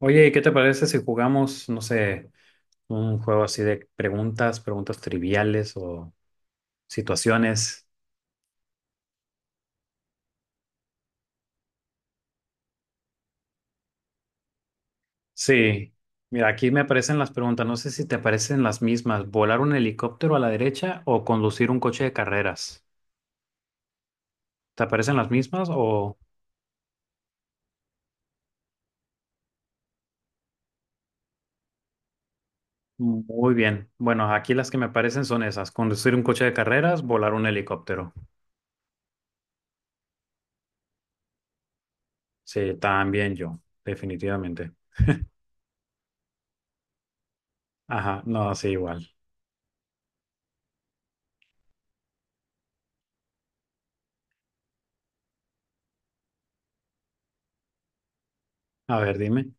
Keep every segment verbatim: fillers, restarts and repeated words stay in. Oye, ¿qué te parece si jugamos, no sé, un juego así de preguntas, preguntas triviales o situaciones? Sí, mira, aquí me aparecen las preguntas, no sé si te aparecen las mismas, volar un helicóptero a la derecha o conducir un coche de carreras. ¿Te aparecen las mismas o muy bien? Bueno, aquí las que me aparecen son esas, conducir un coche de carreras, volar un helicóptero. Sí, también yo, definitivamente. Ajá, no, sí, igual. A ver, dime.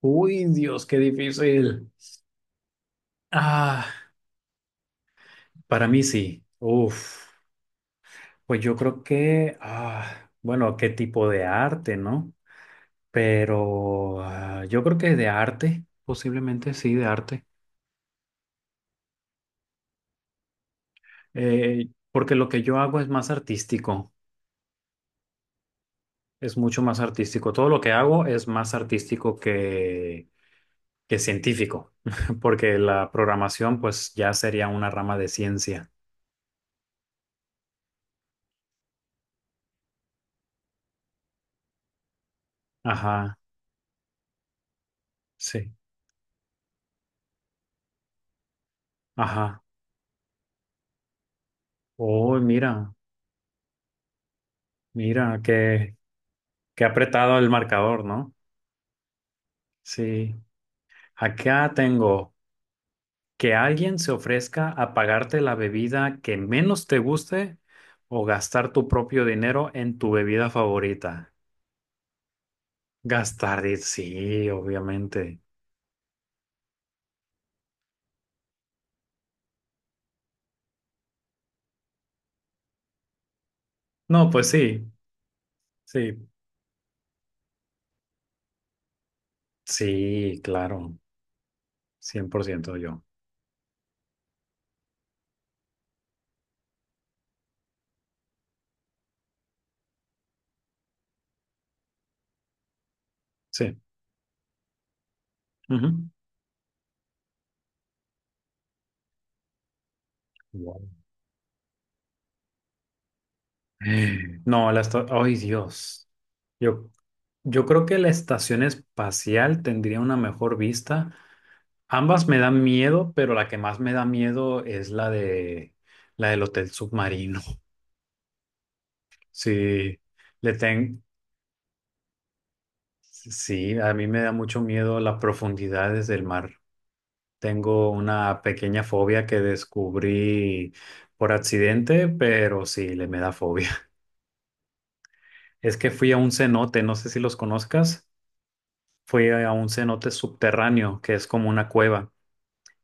Uy, Dios, qué difícil. Ah. Para mí sí. Uf, pues yo creo que, ah, bueno, qué tipo de arte, ¿no? Pero ah, yo creo que de arte, posiblemente sí, de arte. Eh, porque lo que yo hago es más artístico, es mucho más artístico. Todo lo que hago es más artístico que, que científico, porque la programación pues ya sería una rama de ciencia. Ajá, sí, ajá. Oh, mira, mira, qué, qué apretado el marcador, ¿no? Sí. Acá tengo que alguien se ofrezca a pagarte la bebida que menos te guste o gastar tu propio dinero en tu bebida favorita. Gastar, di- sí, obviamente. No, pues sí, sí, sí, claro, cien por ciento, yo. Sí. Ujú. Wow. No, la esta- ay, Dios. Yo, yo creo que la estación espacial tendría una mejor vista. Ambas me dan miedo, pero la que más me da miedo es la de la del hotel submarino. Sí, le ten, sí, a mí me da mucho miedo las profundidades del mar. Tengo una pequeña fobia que descubrí por accidente, pero sí, le me da fobia. Es que fui a un cenote, no sé si los conozcas. Fui a un cenote subterráneo, que es como una cueva.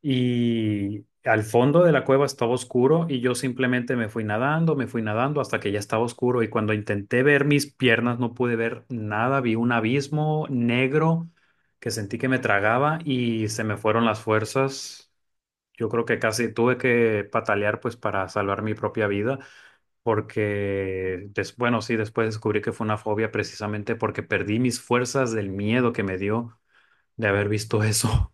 Y al fondo de la cueva estaba oscuro y yo simplemente me fui nadando, me fui nadando hasta que ya estaba oscuro y cuando intenté ver mis piernas no pude ver nada, vi un abismo negro que sentí que me tragaba y se me fueron las fuerzas. Yo creo que casi tuve que patalear pues para salvar mi propia vida porque, des- bueno, sí, después descubrí que fue una fobia precisamente porque perdí mis fuerzas del miedo que me dio de haber visto eso.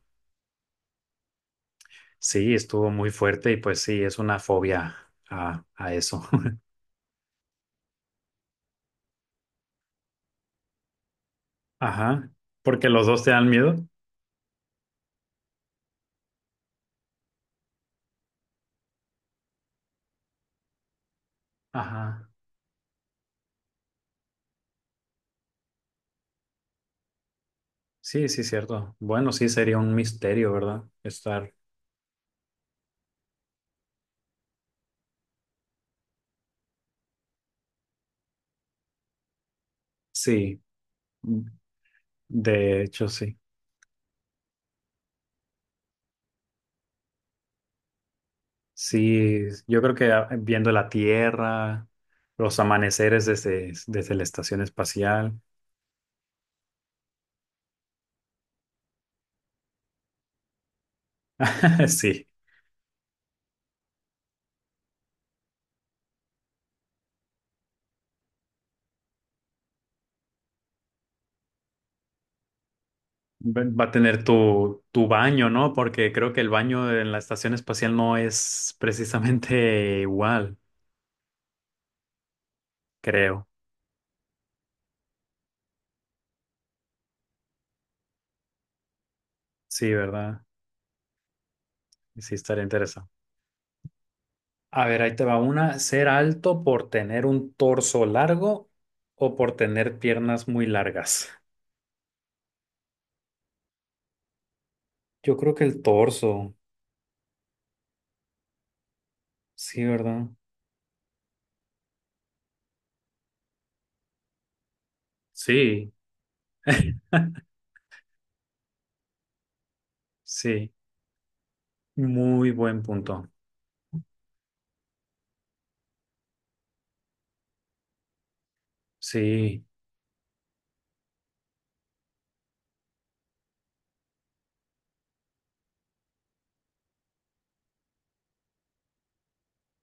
Sí, estuvo muy fuerte y pues sí, es una fobia a, a eso. Ajá, porque los dos te dan miedo. Ajá, sí, sí, cierto. Bueno, sí, sería un misterio, ¿verdad? Estar, sí, mm, de hecho, sí. Sí, yo creo que ah, viendo la Tierra, los amaneceres desde, desde la estación espacial. Sí. Va va a tener tu, tu baño, ¿no? Porque creo que el baño en la estación espacial no es precisamente igual, creo. Sí, ¿verdad? Sí, estaría interesante. A ver, ahí te va una. ¿Ser alto por tener un torso largo o por tener piernas muy largas? Yo creo que el torso. Sí, ¿verdad? Sí, sí. Muy buen punto. Sí,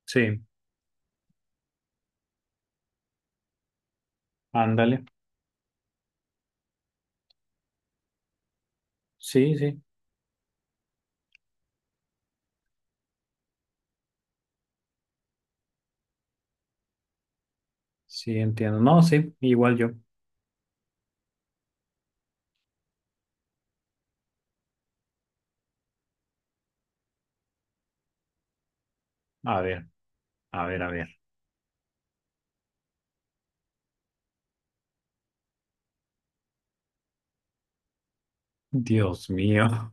sí. Ándale. Sí, sí. Sí, entiendo. No, sí, igual yo. A ver, a ver, a ver. Dios mío.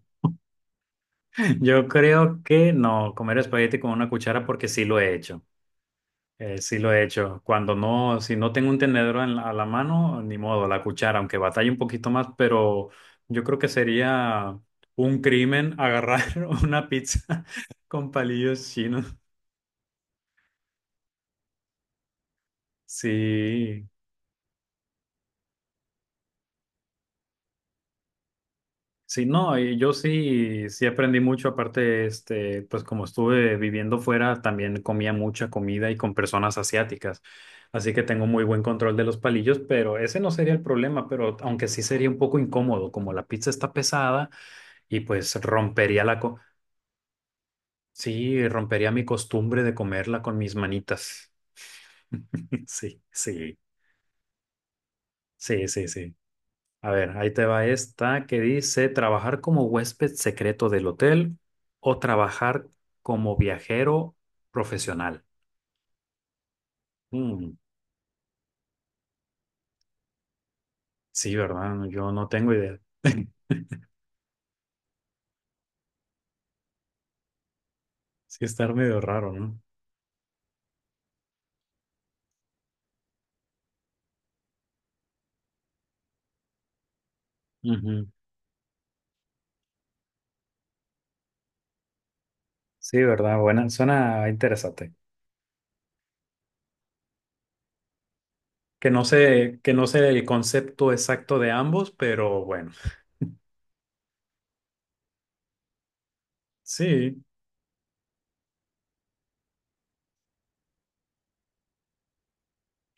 Yo creo que no, comer espagueti con una cuchara porque sí lo he hecho. Eh, sí lo he hecho. Cuando no, si no tengo un tenedor en la- a la mano, ni modo, la cuchara, aunque batalle un poquito más, pero yo creo que sería un crimen agarrar una pizza con palillos chinos. Sí, sí, no, y yo sí, sí aprendí mucho. Aparte, este, pues como estuve viviendo fuera, también comía mucha comida y con personas asiáticas. Así que tengo muy buen control de los palillos, pero ese no sería el problema, pero aunque sí sería un poco incómodo, como la pizza está pesada. Y pues rompería la co- sí, rompería mi costumbre de comerla con mis manitas. Sí, sí, sí, sí, sí. A ver, ahí te va esta que dice trabajar como huésped secreto del hotel o trabajar como viajero profesional. Mm, sí, ¿verdad? Yo no tengo idea. Sí, estar medio raro, ¿no? Ujú. Sí, ¿verdad? Buena, suena interesante. Que no sé, que no sé el concepto exacto de ambos, pero bueno. Sí.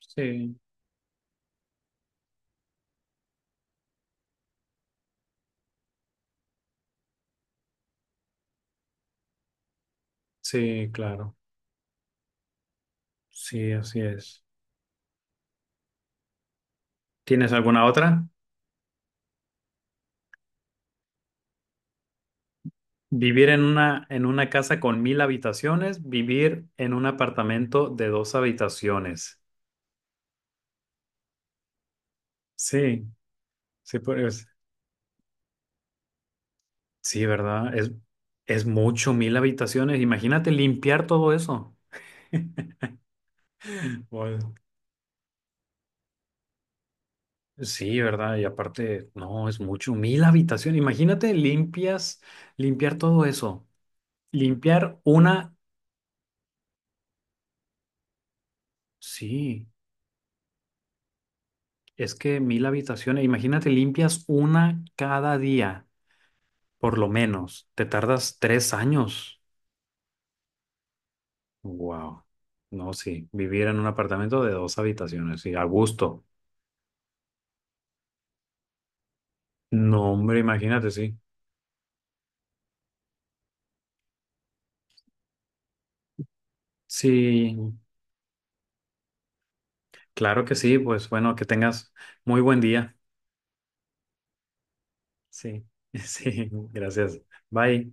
Sí, sí, claro. Sí, así es. ¿Tienes alguna otra? Vivir en una, en una casa con mil habitaciones, vivir en un apartamento de dos habitaciones. Sí, sí, pues, sí, ¿verdad? Es, es mucho, mil habitaciones. Imagínate limpiar todo eso. Bueno. Sí, ¿verdad? Y aparte, no, es mucho, mil habitaciones. Imagínate limpias, limpiar todo eso. Limpiar una, sí. Es que mil habitaciones, imagínate, limpias una cada día, por lo menos. Te tardas tres años. Wow. No, sí, vivir en un apartamento de dos habitaciones, sí, a gusto. No, hombre, imagínate, sí. Sí, claro que sí, pues bueno, que tengas muy buen día. Sí, sí, gracias. Bye.